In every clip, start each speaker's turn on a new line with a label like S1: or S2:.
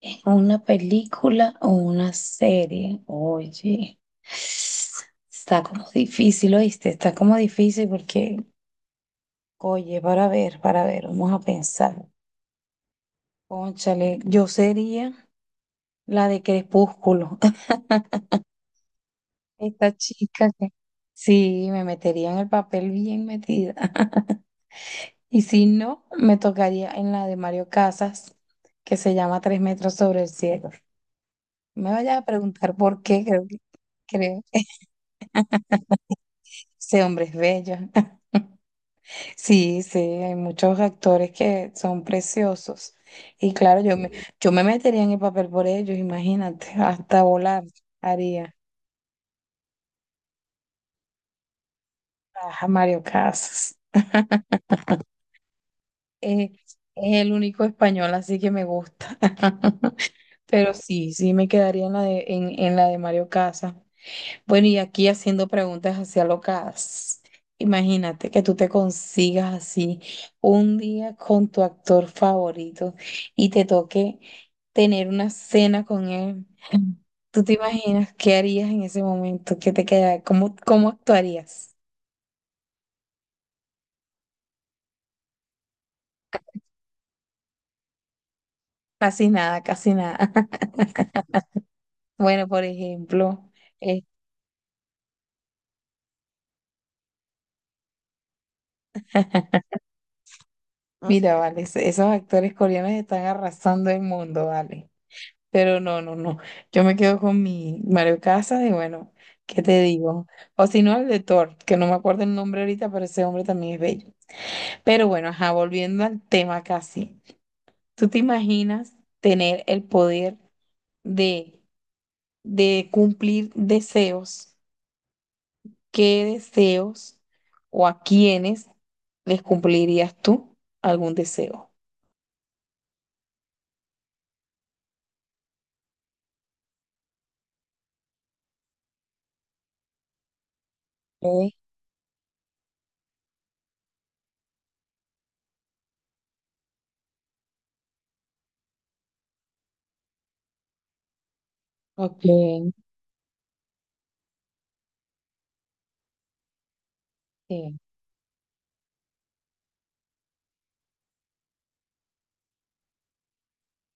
S1: ¿En una película o una serie? Oye, está como difícil, ¿oíste? Está como difícil porque, oye, para ver, vamos a pensar. Cónchale, yo sería la de Crepúsculo. Esta chica que sí, me metería en el papel bien metida. Y si no, me tocaría en la de Mario Casas, que se llama Tres metros sobre el cielo. Me vayas a preguntar por qué, creo. Ese hombre es bello. Sí, sí, hay muchos actores que son preciosos. Y claro, yo me metería en el papel por ellos, imagínate, hasta volar haría. Ajá, Mario Casas. Eh, es el único español, así que me gusta. Pero sí, sí me quedaría en la de, en la de Mario Casas. Bueno, y aquí haciendo preguntas así alocadas. Imagínate que tú te consigas así un día con tu actor favorito y te toque tener una cena con él. ¿Tú te imaginas qué harías en ese momento? ¿Qué te queda? Cómo actuarías? Casi nada, casi nada. Bueno, por ejemplo, eh, mira, vale, esos actores coreanos están arrasando el mundo, vale. Pero no, no, no. Yo me quedo con mi Mario Casas y bueno, ¿qué te digo? O si no, el de Thor, que no me acuerdo el nombre ahorita, pero ese hombre también es bello. Pero bueno, ajá, volviendo al tema casi. ¿Tú te imaginas tener el poder de, de cumplir deseos? ¿Qué deseos o a quiénes les cumplirías tú algún deseo? Ok, ok.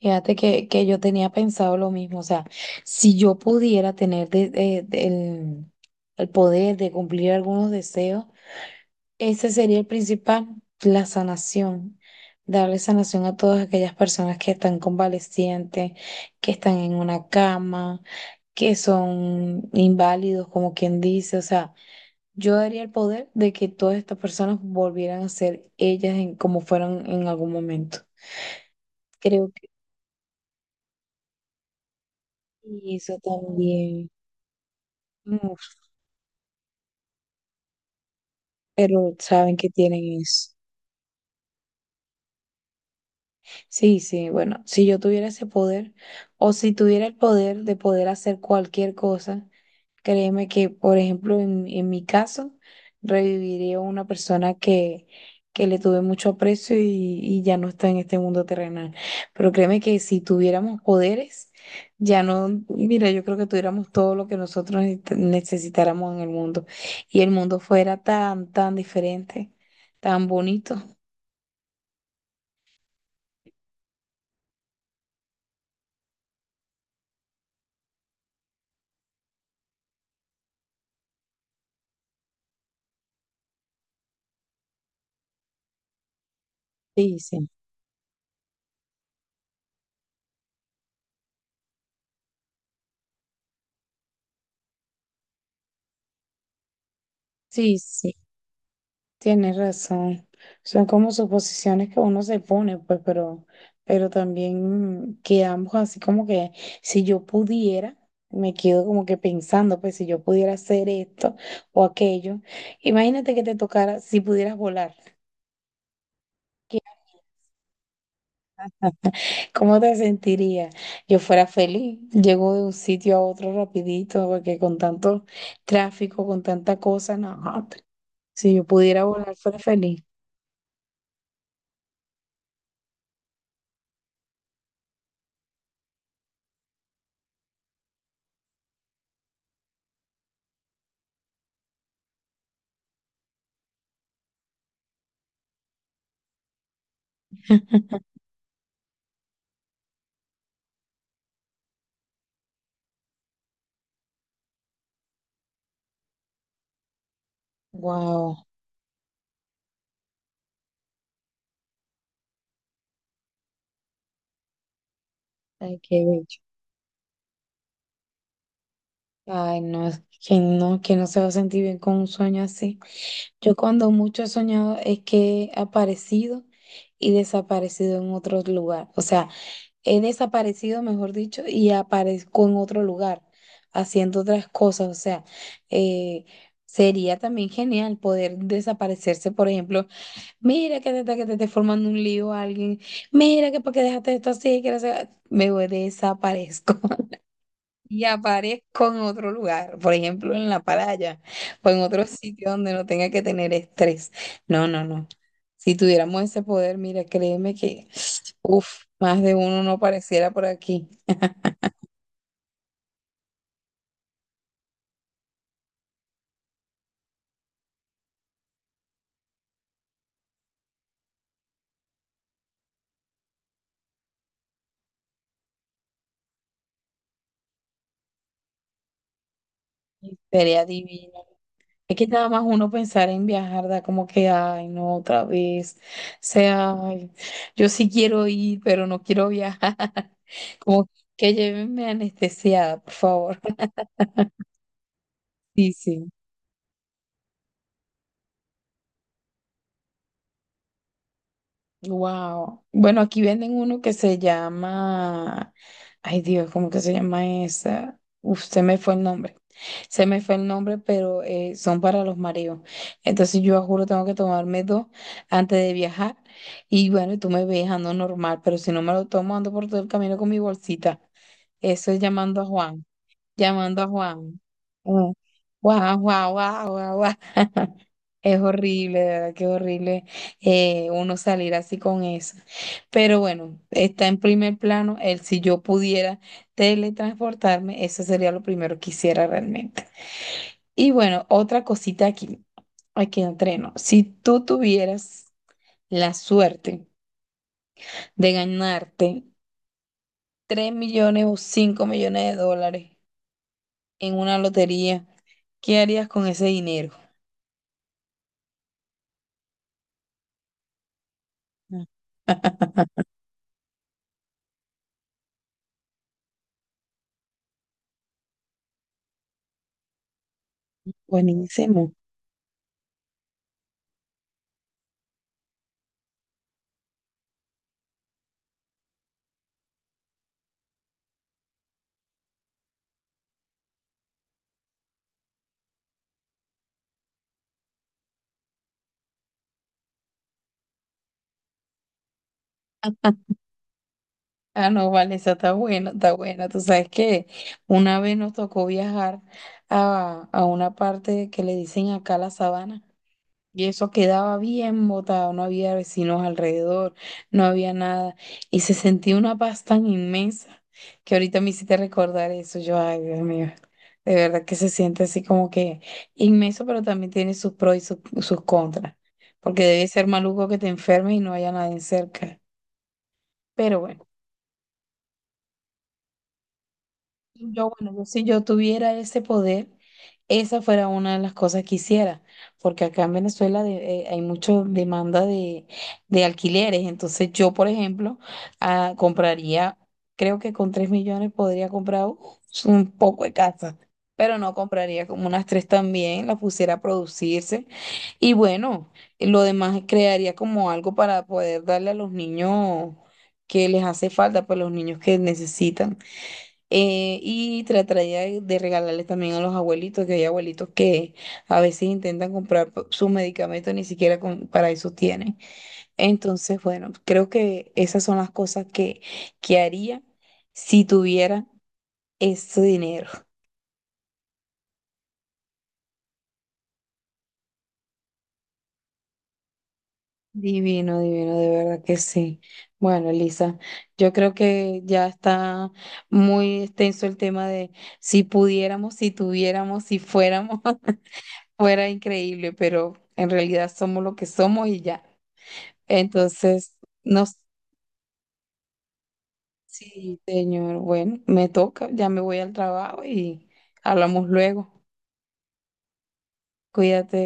S1: Fíjate que yo tenía pensado lo mismo, o sea, si yo pudiera tener el poder de cumplir algunos deseos, ese sería el principal, la sanación, darle sanación a todas aquellas personas que están convalecientes, que están en una cama, que son inválidos, como quien dice, o sea, yo daría el poder de que todas estas personas volvieran a ser ellas en, como fueron en algún momento. Creo que eso también. Uf, pero saben que tienen eso. Sí, sí, bueno, si yo tuviera ese poder o si tuviera el poder de poder hacer cualquier cosa, créeme que, por ejemplo, en mi caso, reviviría a una persona que le tuve mucho aprecio y ya no está en este mundo terrenal. Pero créeme que si tuviéramos poderes, ya no, mira, yo creo que tuviéramos todo lo que nosotros necesitáramos en el mundo y el mundo fuera tan, tan diferente, tan bonito. Sí, sí, sí, sí, tienes razón. Son como suposiciones que uno se pone, pues, pero también quedamos así como que si yo pudiera, me quedo como que pensando, pues, si yo pudiera hacer esto o aquello. Imagínate que te tocara, si pudieras volar. ¿Cómo te sentirías? Yo fuera feliz. Llego de un sitio a otro rapidito, porque con tanto tráfico, con tanta cosa, no. Si yo pudiera volar, fuera feliz. Wow. Ay, qué bello. Ay, no, es que no se va a sentir bien con un sueño así. Yo cuando mucho he soñado es que he aparecido y desaparecido en otro lugar. O sea, he desaparecido, mejor dicho, y aparezco en otro lugar haciendo otras cosas. O sea, eh, sería también genial poder desaparecerse, por ejemplo, mira que te esté formando un lío a alguien, mira que porque dejaste esto así, que no sé, me voy, desaparezco y aparezco en otro lugar, por ejemplo, en la playa o en otro sitio donde no tenga que tener estrés. No, no, no. Si tuviéramos ese poder, mira, créeme que, uff, más de uno no pareciera por aquí. Sería divino. Es que nada más uno pensar en viajar, da como que, ay, no, otra vez. O sea, ay, yo sí quiero ir, pero no quiero viajar. Como que llévenme anestesiada, por favor. Sí, sí. Wow. Bueno, aquí venden uno que se llama, ay Dios, ¿cómo que se llama esa? Uf, se me fue el nombre. Se me fue el nombre, pero son para los mareos. Entonces yo juro tengo que tomarme 2 antes de viajar. Y bueno, tú me ves, ando normal, pero si no me lo tomo, ando por todo el camino con mi bolsita. Eso es llamando a Juan, llamando a Juan. Mm. Guau, guau, guau, guau, guau. Es horrible, de verdad que es horrible uno salir así con eso. Pero bueno, está en primer plano. El si yo pudiera teletransportarme, eso sería lo primero que hiciera realmente. Y bueno, otra cosita aquí, aquí entreno. Si tú tuvieras la suerte de ganarte 3 millones o 5 millones de dólares, en una lotería, ¿qué harías con ese dinero? Mm. Buenísimo. Ah, no, vale, esa está buena, está buena. Tú sabes que una vez nos tocó viajar a una parte que le dicen acá la sabana. Y eso quedaba bien botado, no había vecinos alrededor, no había nada. Y se sentía una paz tan inmensa que ahorita me hiciste recordar eso. Yo, ay, Dios mío, de verdad que se siente así como que inmenso, pero también tiene sus pros sus contras. Porque debe ser maluco que te enfermes y no haya nadie cerca. Pero bueno. Yo, bueno, yo, si yo tuviera ese poder, esa fuera una de las cosas que hiciera, porque acá en Venezuela hay mucha demanda de alquileres, entonces yo, por ejemplo, ah, compraría, creo que con 3 millones podría comprar un poco de casa, pero no compraría como unas 3 también, las pusiera a producirse y bueno, lo demás crearía como algo para poder darle a los niños que les hace falta, pues los niños que necesitan. Y trataría de regalarle también a los abuelitos, que hay abuelitos que a veces intentan comprar sus medicamentos, ni siquiera para eso tienen. Entonces, bueno, creo que esas son las cosas que haría si tuviera ese dinero. Divino, divino, de verdad que sí. Bueno, Elisa, yo creo que ya está muy extenso el tema de si pudiéramos, si tuviéramos, si fuéramos. Fuera increíble, pero en realidad somos lo que somos y ya. Entonces, no, sí, señor, bueno, me toca, ya me voy al trabajo y hablamos luego. Cuídate.